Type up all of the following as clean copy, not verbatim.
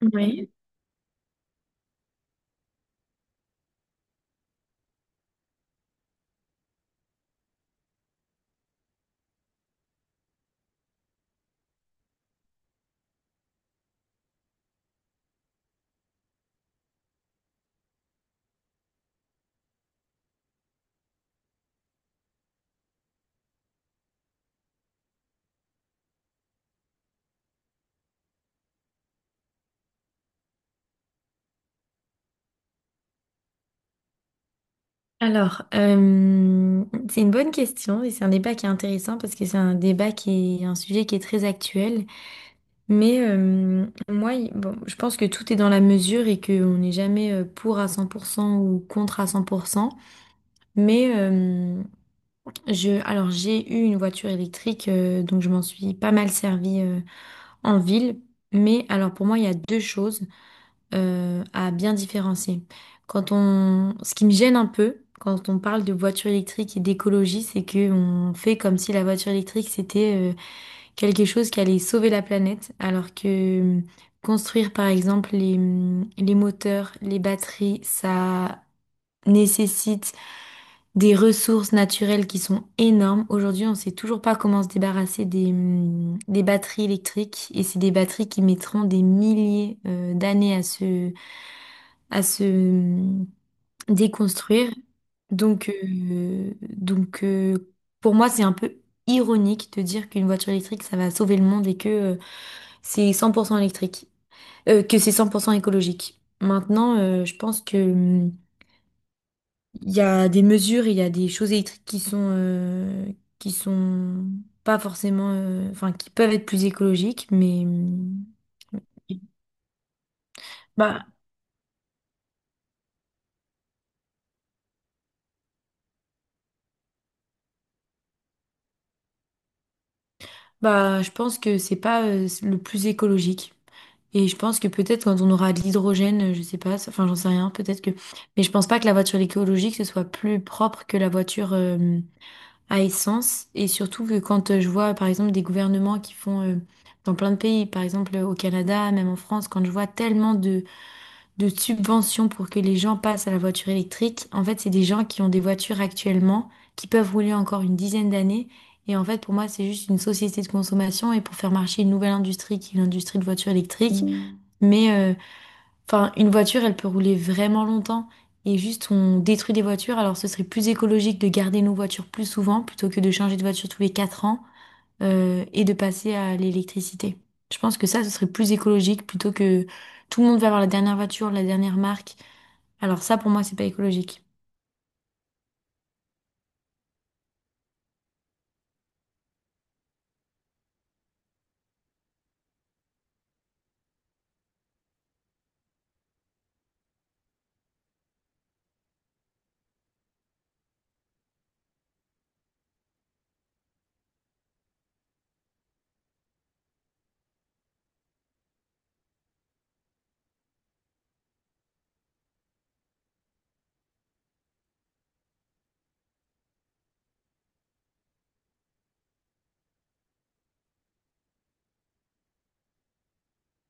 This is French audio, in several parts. Oui. Alors, euh, c'est une bonne question et c'est un débat qui est intéressant parce que c'est un débat qui est un sujet qui est très actuel. Moi, bon, je pense que tout est dans la mesure et qu'on n'est jamais pour à 100% ou contre à 100%. Mais euh, j'ai eu une voiture électrique, donc je m'en suis pas mal servie en ville. Mais alors, pour moi, il y a deux choses, à bien différencier. Ce qui me gêne un peu quand on parle de voiture électrique et d'écologie, c'est que on fait comme si la voiture électrique c'était quelque chose qui allait sauver la planète, alors que construire par exemple les moteurs, les batteries, ça nécessite des ressources naturelles qui sont énormes. Aujourd'hui, on ne sait toujours pas comment se débarrasser des batteries électriques et c'est des batteries qui mettront des milliers d'années à se à se euh, déconstruire. Donc, euh, donc euh, pour moi, c'est un peu ironique de dire qu'une voiture électrique, ça va sauver le monde et que c'est 100% électrique, que c'est 100% écologique. Maintenant, je pense que il y a des mesures, il y a des choses électriques qui sont qui sont pas forcément, enfin, qui peuvent être plus écologiques, mais bah, je pense que c'est pas le plus écologique. Et je pense que peut-être quand on aura de l'hydrogène, je sais pas, enfin j'en sais rien, peut-être que. Mais je pense pas que la voiture écologique ce soit plus propre que la voiture à essence. Et surtout que quand je vois par exemple des gouvernements qui font dans plein de pays, par exemple au Canada, même en France, quand je vois tellement de subventions pour que les gens passent à la voiture électrique. En fait, c'est des gens qui ont des voitures actuellement, qui peuvent rouler encore une dizaine d'années. Et en fait, pour moi, c'est juste une société de consommation et pour faire marcher une nouvelle industrie qui est l'industrie de voitures électriques. Mm. Mais euh, enfin, une voiture, elle peut rouler vraiment longtemps. Et juste, on détruit des voitures. Alors, ce serait plus écologique de garder nos voitures plus souvent plutôt que de changer de voiture tous les 4 ans et de passer à l'électricité. Je pense que ça, ce serait plus écologique plutôt que tout le monde va avoir la dernière voiture, la dernière marque. Alors ça, pour moi, c'est pas écologique.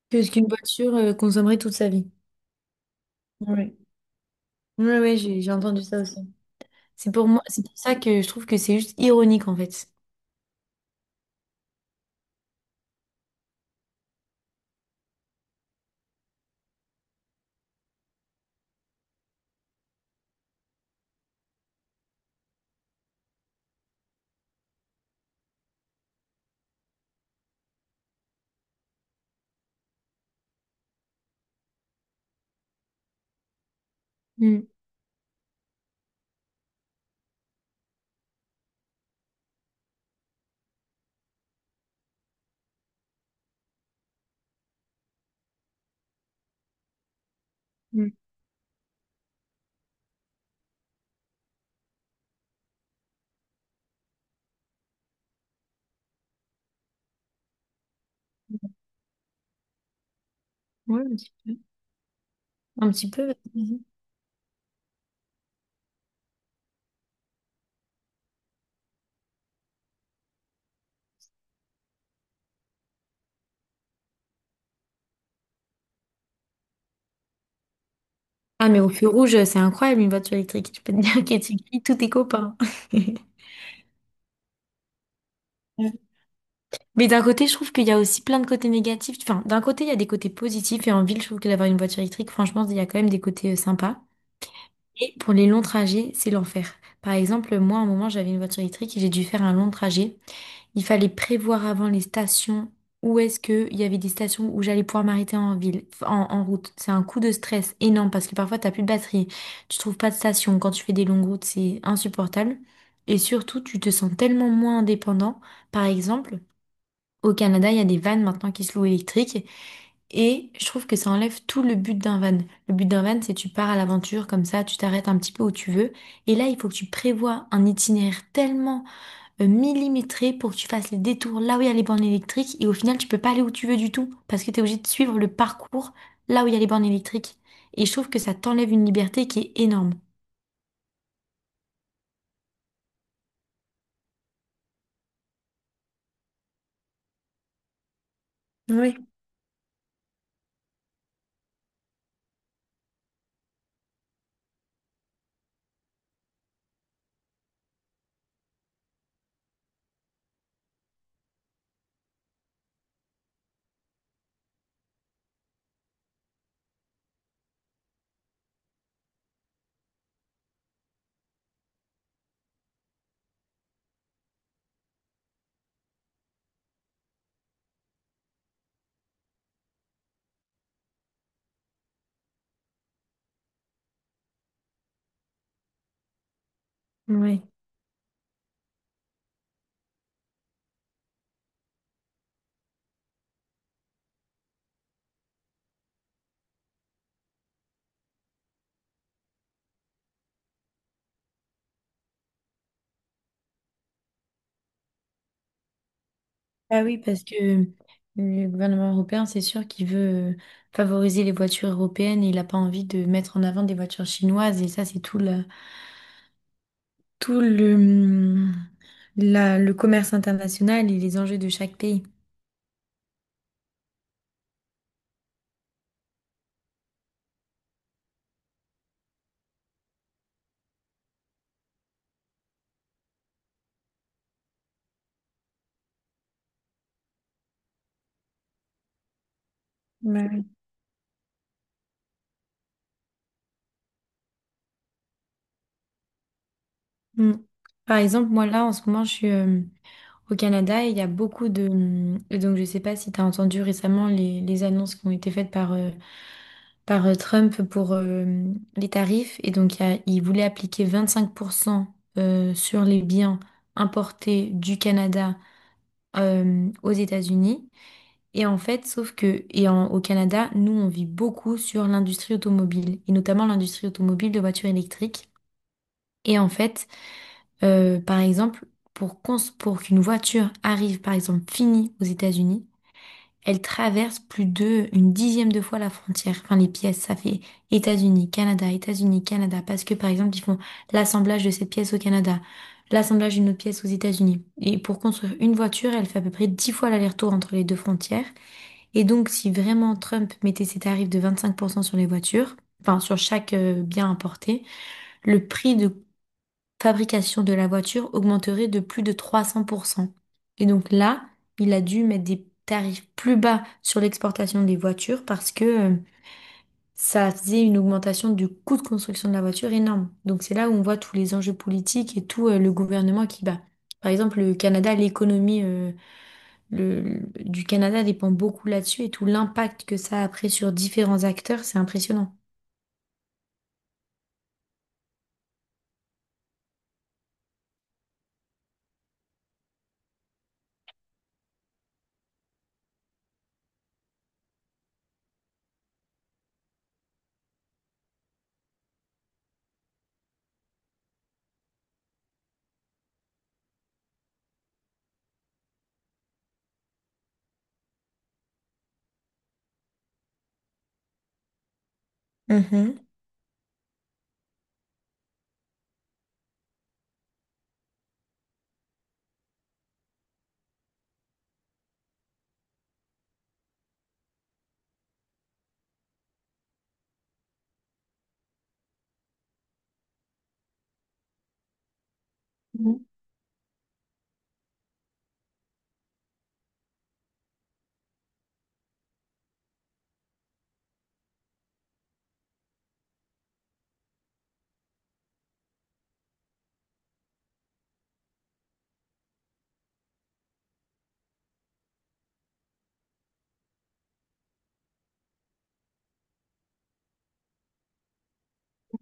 Que ce qu'une voiture consommerait toute sa vie. Oui, oui, oui, j'ai entendu ça aussi. C'est pour moi, c'est pour ça que je trouve que c'est juste ironique en fait. Mm, mm. Ouais, un petit peu. Un petit peu. Ah, mais au feu rouge, c'est incroyable une voiture électrique. Tu peux te dire qu'elle t'écrit tous tes copains. Mais d'un côté, je trouve qu'il y a aussi plein de côtés négatifs. Enfin, d'un côté, il y a des côtés positifs et en ville, je trouve que d'avoir une voiture électrique, franchement, il y a quand même des côtés sympas. Et pour les longs trajets, c'est l'enfer. Par exemple, moi, à un moment, j'avais une voiture électrique et j'ai dû faire un long trajet. Il fallait prévoir avant les stations où est-ce qu'il y avait des stations où j'allais pouvoir m'arrêter en ville, en route. C'est un coup de stress énorme parce que parfois, t'as plus de batterie, tu trouves pas de station. Quand tu fais des longues routes, c'est insupportable. Et surtout, tu te sens tellement moins indépendant. Par exemple, au Canada, il y a des vannes maintenant qui se louent électriques. Et je trouve que ça enlève tout le but d'un van. Le but d'un van, c'est tu pars à l'aventure comme ça, tu t'arrêtes un petit peu où tu veux. Et là, il faut que tu prévois un itinéraire tellement millimétré pour que tu fasses les détours là où il y a les bornes électriques. Et au final, tu peux pas aller où tu veux du tout parce que tu es obligé de suivre le parcours là où il y a les bornes électriques. Et je trouve que ça t'enlève une liberté qui est énorme. Oui, oui. Bah oui, parce que le gouvernement européen, c'est sûr qu'il veut favoriser les voitures européennes et il n'a pas envie de mettre en avant des voitures chinoises. Et ça, c'est tout, tout le, hum, le commerce international et les enjeux de chaque pays. Ouais. Mm. Par exemple, moi là, en ce moment, je suis au Canada et il y a beaucoup et donc, je sais pas si tu as entendu récemment les annonces qui ont été faites par Trump pour les tarifs. Et donc, il voulait appliquer 25% sur les biens importés du Canada aux États-Unis. Et en fait, sauf que, au Canada, nous, on vit beaucoup sur l'industrie automobile, et notamment l'industrie automobile de voitures électriques. Et en fait, par exemple, pour qu'une voiture arrive, par exemple, finie aux États-Unis, elle traverse plus de une dixième de fois la frontière. Enfin, les pièces, ça fait États-Unis, Canada, États-Unis, Canada. Parce que, par exemple, ils font l'assemblage de cette pièce au Canada, l'assemblage d'une autre pièce aux États-Unis. Et pour construire une voiture, elle fait à peu près 10 fois l'aller-retour entre les deux frontières. Et donc, si vraiment Trump mettait ses tarifs de 25% sur les voitures, enfin, sur chaque bien importé, le prix de fabrication de la voiture augmenterait de plus de 300%. Et donc là, il a dû mettre des tarifs plus bas sur l'exportation des voitures parce que ça faisait une augmentation du coût de construction de la voiture énorme. Donc c'est là où on voit tous les enjeux politiques et tout le gouvernement qui bat. Par exemple, le Canada, l'économie du Canada dépend beaucoup là-dessus et tout l'impact que ça a après sur différents acteurs, c'est impressionnant. Mhm.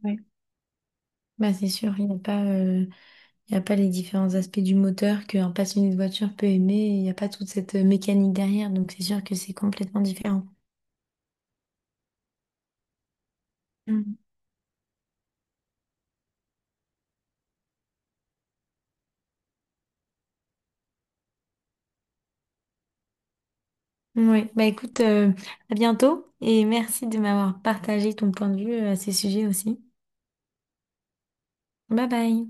Ouais. Bah, c'est sûr, Il n'y a pas les différents aspects du moteur qu'un passionné de voiture peut aimer. Il n'y a pas toute cette mécanique derrière. Donc, c'est sûr que c'est complètement différent. Oui, bah écoute, à bientôt et merci de m'avoir partagé ton point de vue à ces sujets aussi. Bye bye.